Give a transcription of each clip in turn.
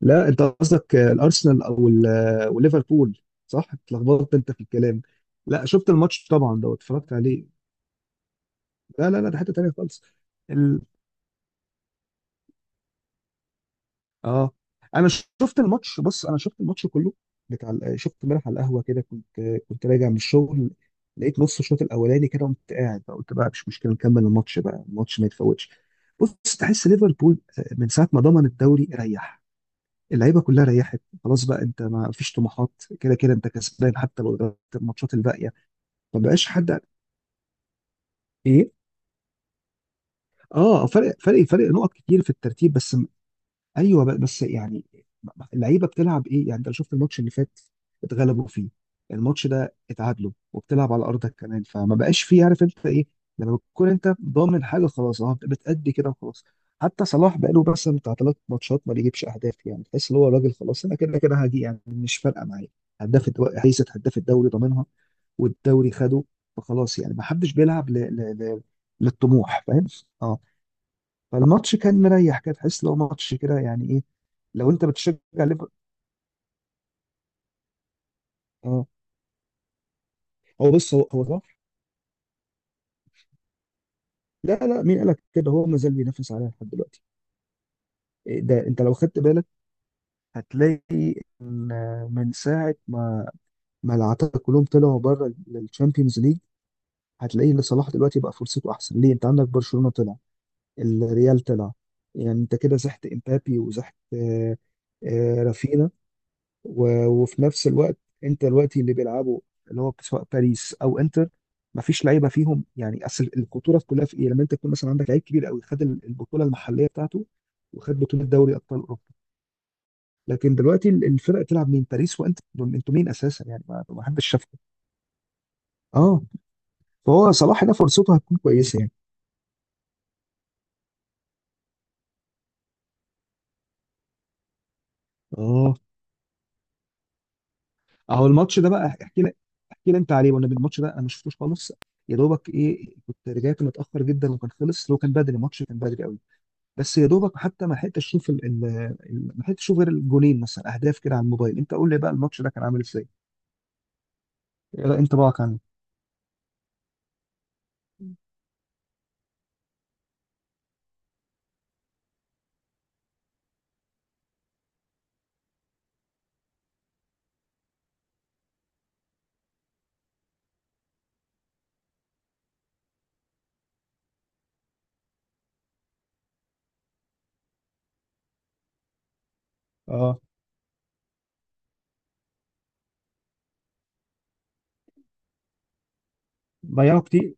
لا، انت قصدك الارسنال او وليفربول. صح، اتلخبطت انت في الكلام. لا، شفت الماتش طبعا، ده اتفرجت عليه. لا، لا، لا، ده حته تانيه خالص. ال... اه، انا شفت الماتش، بص، انا شفت الماتش كله بتاع شفت امبارح على القهوه كده، كنت راجع من الشغل. لقيت نص الشوط الاولاني كده، قمت قاعد بقى، قلت بقى مش مشكله، نكمل الماتش بقى، الماتش ما يتفوتش. بص، تحس ليفربول، من ساعه ما ضمن الدوري ريح، اللعيبه كلها ريحت خلاص بقى، انت ما فيش طموحات، كده كده انت كسبان حتى لو قدرت الماتشات الباقيه. ما بقاش حد. ايه. اه، فرق نقط كتير في الترتيب بس. ايوه، بس يعني اللعيبه بتلعب ايه، يعني انت لو شفت الماتش اللي فات اتغلبوا فيه، الماتش ده اتعادلوا، وبتلعب على ارضك كمان، فما بقاش فيه، عارف انت ايه. لما بتكون انت ضامن حاجه خلاص، اه، بتأدي كده وخلاص. حتى صلاح بقاله بس بتاع ثلاث ماتشات ما بيجيبش اهداف، يعني تحس ان هو راجل خلاص، انا كده كده هجي، يعني مش فارقه معايا. هيثة هداف الدوري ضامنها، والدوري خده. فخلاص، يعني ما حدش بيلعب للطموح، فاهم. اه. فالماتش كان مريح كده، تحس لو ماتش كده يعني ايه لو انت بتشجع ليفربول. اه. هو، بص، هو صح. لا، لا، مين قالك كده، هو ما زال بينافس عليها لحد دلوقتي. إيه ده، انت لو خدت بالك هتلاقي ان من ساعه ما العتاقة كلهم طلعوا بره الشامبيونز ليج، هتلاقي ان صلاح دلوقتي بقى فرصته احسن ليه، انت عندك برشلونه طلع، الريال طلع. يعني انت كده زحت امبابي، وزحت رافينha، وفي نفس الوقت، انت دلوقتي اللي بيلعبوا اللي هو سواء باريس او انتر، ما فيش لعيبه فيهم. يعني اصل الخطوره في كلها في ايه، لما انت تكون مثلا عندك لعيب كبير قوي، خد البطوله المحليه بتاعته، وخد بطوله دوري ابطال اوروبا. لكن دلوقتي الفرق تلعب مين، باريس وانتر دول انتوا مين اساسا، يعني ما حدش شافكم. اه. فهو صلاح ده فرصته هتكون كويسه يعني. اه. اهو الماتش ده بقى، احكي لك، احكي لي انت عليه، وانا الماتش ده انا ما شفتوش خالص. يا دوبك ايه كنت رجعت متاخر جدا وكان خلص، لو كان بدري الماتش كان بدري قوي. بس يا دوبك حتى ما لحقتش اشوف ما لحقتش اشوف غير الجونين مثلا اهداف كده على الموبايل. انت قول لي بقى الماتش ده كان عامل ازاي. إيه انطباعك عنه؟ اه. ضيعوا كتير.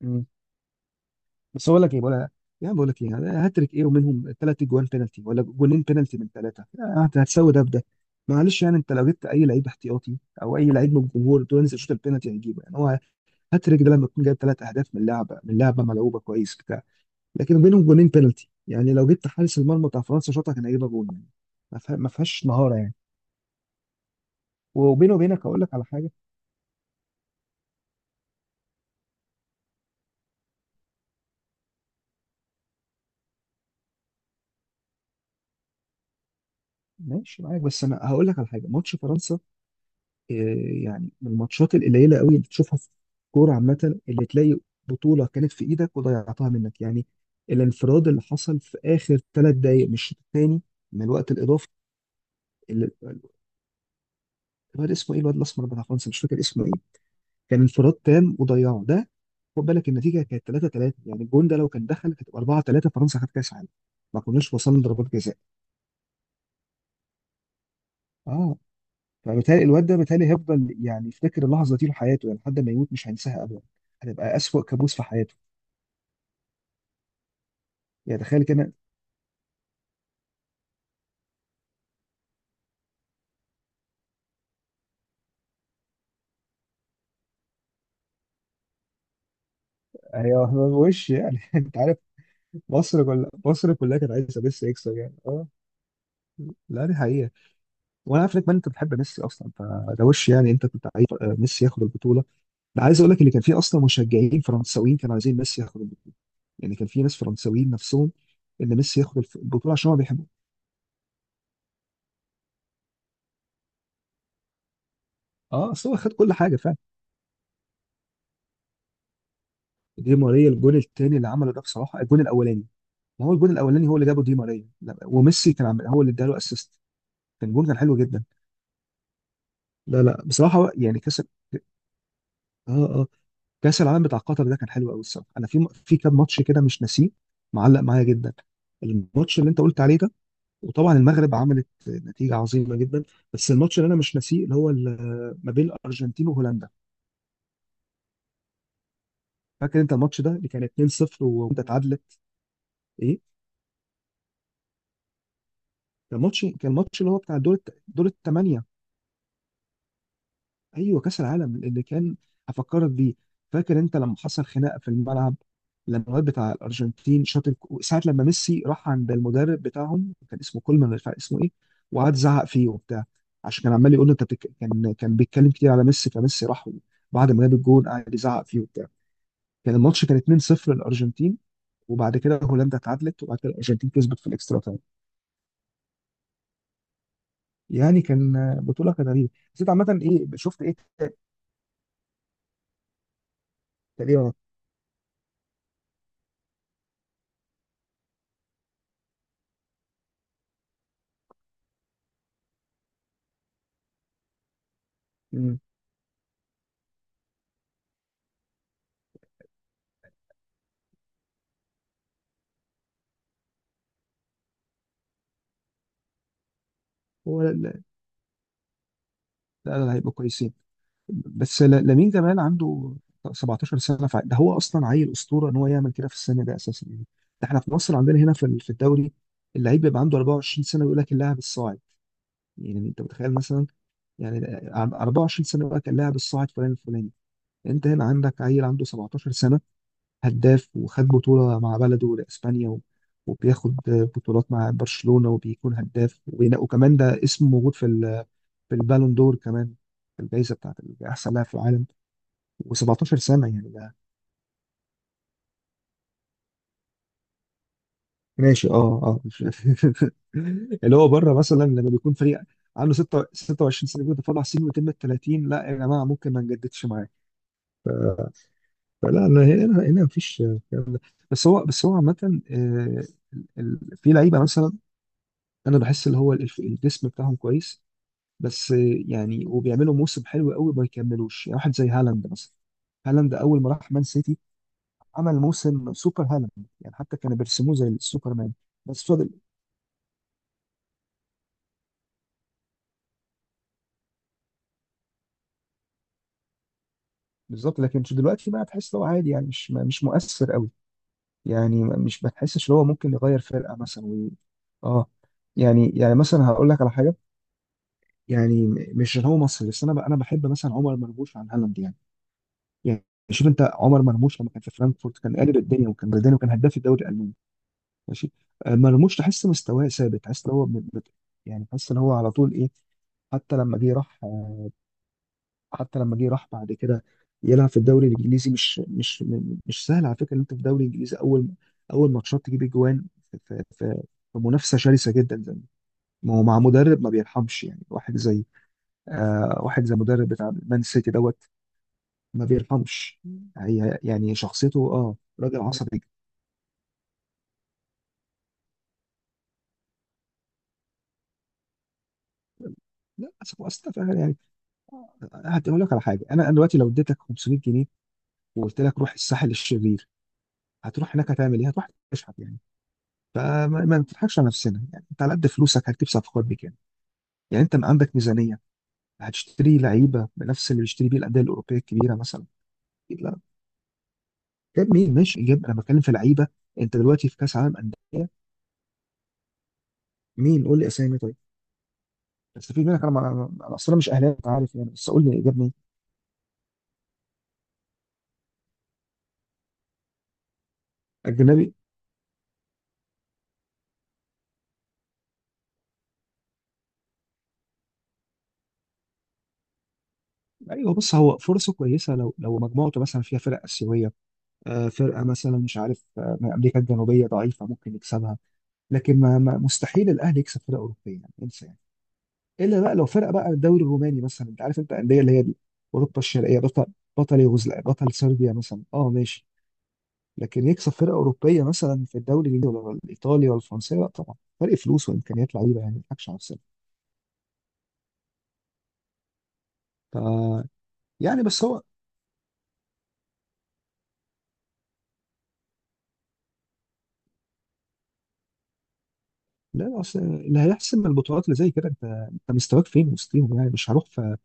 مم. بس اقول لك ايه، بقول يعني، بقول لك ايه، يعني هاتريك ايه ومنهم ثلاث جوان بينالتي، ولا جونين بينالتي من ثلاثه، هتساوي ده بده. معلش يعني، انت لو جبت اي لعيب احتياطي او اي لعيب من الجمهور تقول له انزل شوط البينالتي هيجيبه. يعني هو هاتريك ده لما يكون جايب ثلاث اهداف من لعبه ملعوبه كويس. لكن بينهم جونين بينالتي، يعني لو جبت حارس المرمى بتاع فرنسا شاطها كان هيجيبها جول، يعني ما فيهاش مهاره يعني. وبيني وبينك هقول لك على حاجه. ماشي، معاك، بس انا هقول لك على حاجه. ماتش فرنسا إيه، يعني من الماتشات القليله قوي اللي تشوفها في الكوره عامه، اللي تلاقي بطوله كانت في ايدك وضيعتها منك. يعني الانفراد اللي حصل في اخر ثلاث دقائق من الشوط الثاني، من الوقت الاضافي، اللي- الواد اسمه ايه، الواد الاسمر بتاع فرنسا، مش فاكر اسمه ايه، كان انفراد تام وضيعه ده. خد بالك النتيجه كانت 3-3، يعني الجون ده لو كان دخل كانت 4-3، فرنسا خدت كاس عالم، ما كناش وصلنا ضربات جزاء. اه، فبالتالي الواد ده بالتالي هيفضل يعني يفتكر اللحظه دي لحياته، يعني لحد ما يموت مش هينساها ابدا، هتبقى اسوأ كابوس في حياته. يعني تخيل كده. هي هو وش يعني انت عارف. مصر كلها، مصر كلها كانت عايزه ميسي يكسب، يعني اه، لا دي حقيقه. وانا عارف انك ما انت بتحب ميسي اصلا، فده وش يعني، انت كنت عايز ميسي ياخد البطوله. ده عايز اقول لك اللي كان فيه اصلا مشجعين فرنساويين كانوا عايزين ميسي ياخد. يعني كان في ناس فرنساويين نفسهم ان ميسي ياخد البطوله عشان هو بيحبه. اه، اصل هو خد كل حاجه فعلا. دي ماريا الجون الثاني اللي عمله ده بصراحه. الجون الاولاني، ما هو الجون الاولاني هو اللي جابه دي ماريا، لا، وميسي كان عامل هو اللي اداله اسيست، كان جون كان حلو جدا. لا، لا، بصراحه يعني كاس اه اه كاس العالم بتاع قطر ده كان حلو قوي الصراحه. انا في في كام ماتش كده مش ناسيه، معلق معايا جدا، الماتش اللي انت قلت عليه ده. وطبعا المغرب عملت نتيجه عظيمه جدا. بس الماتش اللي انا مش ناسيه، اللي هو ما بين الارجنتين وهولندا. فاكر انت الماتش ده اللي كان 2-0 وانت اتعادلت. ايه، كان ماتش اللي هو بتاع دور الثمانيه، ايوه، كاس العالم اللي كان، هفكرك بيه. فاكر انت لما حصل خناقه في الملعب، لما الواد بتاع الارجنتين شاط ساعه، لما ميسي راح عند المدرب بتاعهم، كان اسمه كولمان، مش عارف اسمه ايه، وقعد زعق فيه وبتاع، عشان كان عمال يقول له، كان بيتكلم كتير على ميسي، فميسي راح بعد ما جاب الجون قعد يزعق فيه وبتاع. كان الماتش كان 2-0 للارجنتين، وبعد كده هولندا اتعادلت، وبعد كده الارجنتين كسبت في الاكسترا تايم. يعني كان بطولة كانت غريبة. بس انت عامة ايه شفت، ايه تقريبا. مم. هو، لا، لا، لا، هيبقوا كويسين. بس لامين جمال عنده 17 سنة، ده هو أصلا عيل أسطورة إن هو يعمل كده في السن ده أساسا، يعني ده احنا في مصر عندنا هنا في الدوري اللعيب بيبقى عنده 24 سنة ويقول لك اللاعب الصاعد، يعني أنت متخيل مثلا، يعني 24 سنة يقول لك اللاعب الصاعد فلان الفلاني. أنت هنا عندك عيل عنده 17 سنة هداف، وخد بطولة مع بلده لإسبانيا، وبياخد بطولات مع برشلونة، وبيكون هداف، وكمان ده اسمه موجود في البالون دور كمان، في الجائزة بتاعت أحسن لاعب في العالم. و17 سنة، يعني ده. ماشي، اه، اه، اللي هو بره مثلا لما بيكون فريق عنده 6 26 سنة بيقول ده طلع سنه يتم ال 30، لا يا جماعة ممكن ما نجددش معاه. فلا أنا هنا مفيش كلام. بس هو عامة، في لعيبة مثلا انا بحس اللي هو الجسم بتاعهم كويس بس، يعني، وبيعملوا موسم حلو قوي ما يكملوش، يعني واحد زي هالاند مثلا. هالاند اول ما راح مان سيتي عمل موسم سوبر هالاند، يعني حتى كانوا بيرسموه زي السوبرمان بس. فضل بالظبط. لكن دلوقتي بقى تحس ان هو عادي، يعني مش مؤثر قوي. يعني مش بتحسش ان هو ممكن يغير فرقه مثلا اه، يعني مثلا هقول لك على حاجه. يعني مش إن هو مصري بس، انا ب... انا بحب مثلا عمر مرموش عن هالاند، يعني يعني شوف انت عمر مرموش لما كان في فرانكفورت كان قالب الدنيا وكان بلداني وكان هداف الدوري الالماني، ماشي، مرموش تحس مستواه ثابت، تحس ان هو يعني تحس ان هو على طول ايه. حتى لما جه راح، حتى لما جه راح بعد كده يلعب في الدوري الانجليزي، مش سهل على فكره ان انت في الدوري الانجليزي، اول ماتشات تجيب اجوان في منافسه شرسه جدا زي ما هو مع مدرب ما بيرحمش، يعني واحد زي واحد زي مدرب بتاع مان سيتي دوت، ما بيرحمش. هي يعني شخصيته، اه، راجل عصبي جدا. لا، يعني هقول لك على حاجه. انا دلوقتي لو اديتك 500 جنيه وقلت لك روح الساحل الشرير هتروح هناك هتعمل ايه، هتروح تشحت يعني. فما ما نضحكش على نفسنا، يعني انت على قد فلوسك هتجيب صفقات بكام، يعني انت ما عندك ميزانيه هتشتري لعيبه بنفس اللي بيشتري بيه الانديه الاوروبيه الكبيره مثلا. أكيد لا، جاب مين، ماشي جاب، انا بتكلم في لعيبه. انت دلوقتي في كاس عالم انديه، مين، قول لي اسامي طيب استفيد منك، انا اصلا مش اهلاوي، أنت عارف يعني، بس قول لي جاب مين، اجنبي. ايوه، بص هو فرصه كويسه لو مجموعته مثلا فيها فرق اسيويه، فرقه مثلا مش عارف، من امريكا الجنوبيه ضعيفه ممكن يكسبها. لكن مستحيل الاهلي يكسب فرقه اوروبيه، يعني انسى. يعني الا بقى لو فرقه بقى الدوري الروماني مثلا، انت عارف انت الانديه اللي هي دي، اوروبا الشرقيه، بطل يوغوسلافيا، بطل صربيا مثلا، اه ماشي. لكن يكسب فرقه اوروبيه مثلا في الدوري الانجليزي ولا الايطالي ولا الفرنسي، لا طبعا، فرق فلوس وامكانيات لعيبه، يعني ما نضحكش على نفسنا. ف، يعني، بس هو. لا، لا، اصل اللي هيحسم البطولات اللي زي كده، انت مستواك فين وسطيهم، يعني مش هروح في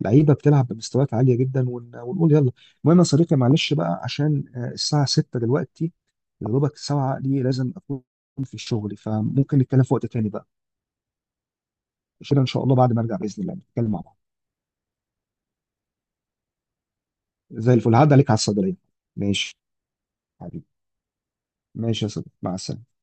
لعيبه بتلعب بمستويات عاليه جدا، ون- ونقول يلا. المهم يا صديقي، معلش بقى عشان، الساعه 6 دلوقتي، يا دوبك الساعه دي لازم اكون في شغلي، فممكن نتكلم في وقت تاني بقى. عشان ان شاء الله بعد ما ارجع باذن الله نتكلم مع بعض. زي الفل، هعدي عليك على الصيدليه. ماشي، حبيبي. ماشي يا صديقي، مع السلامه.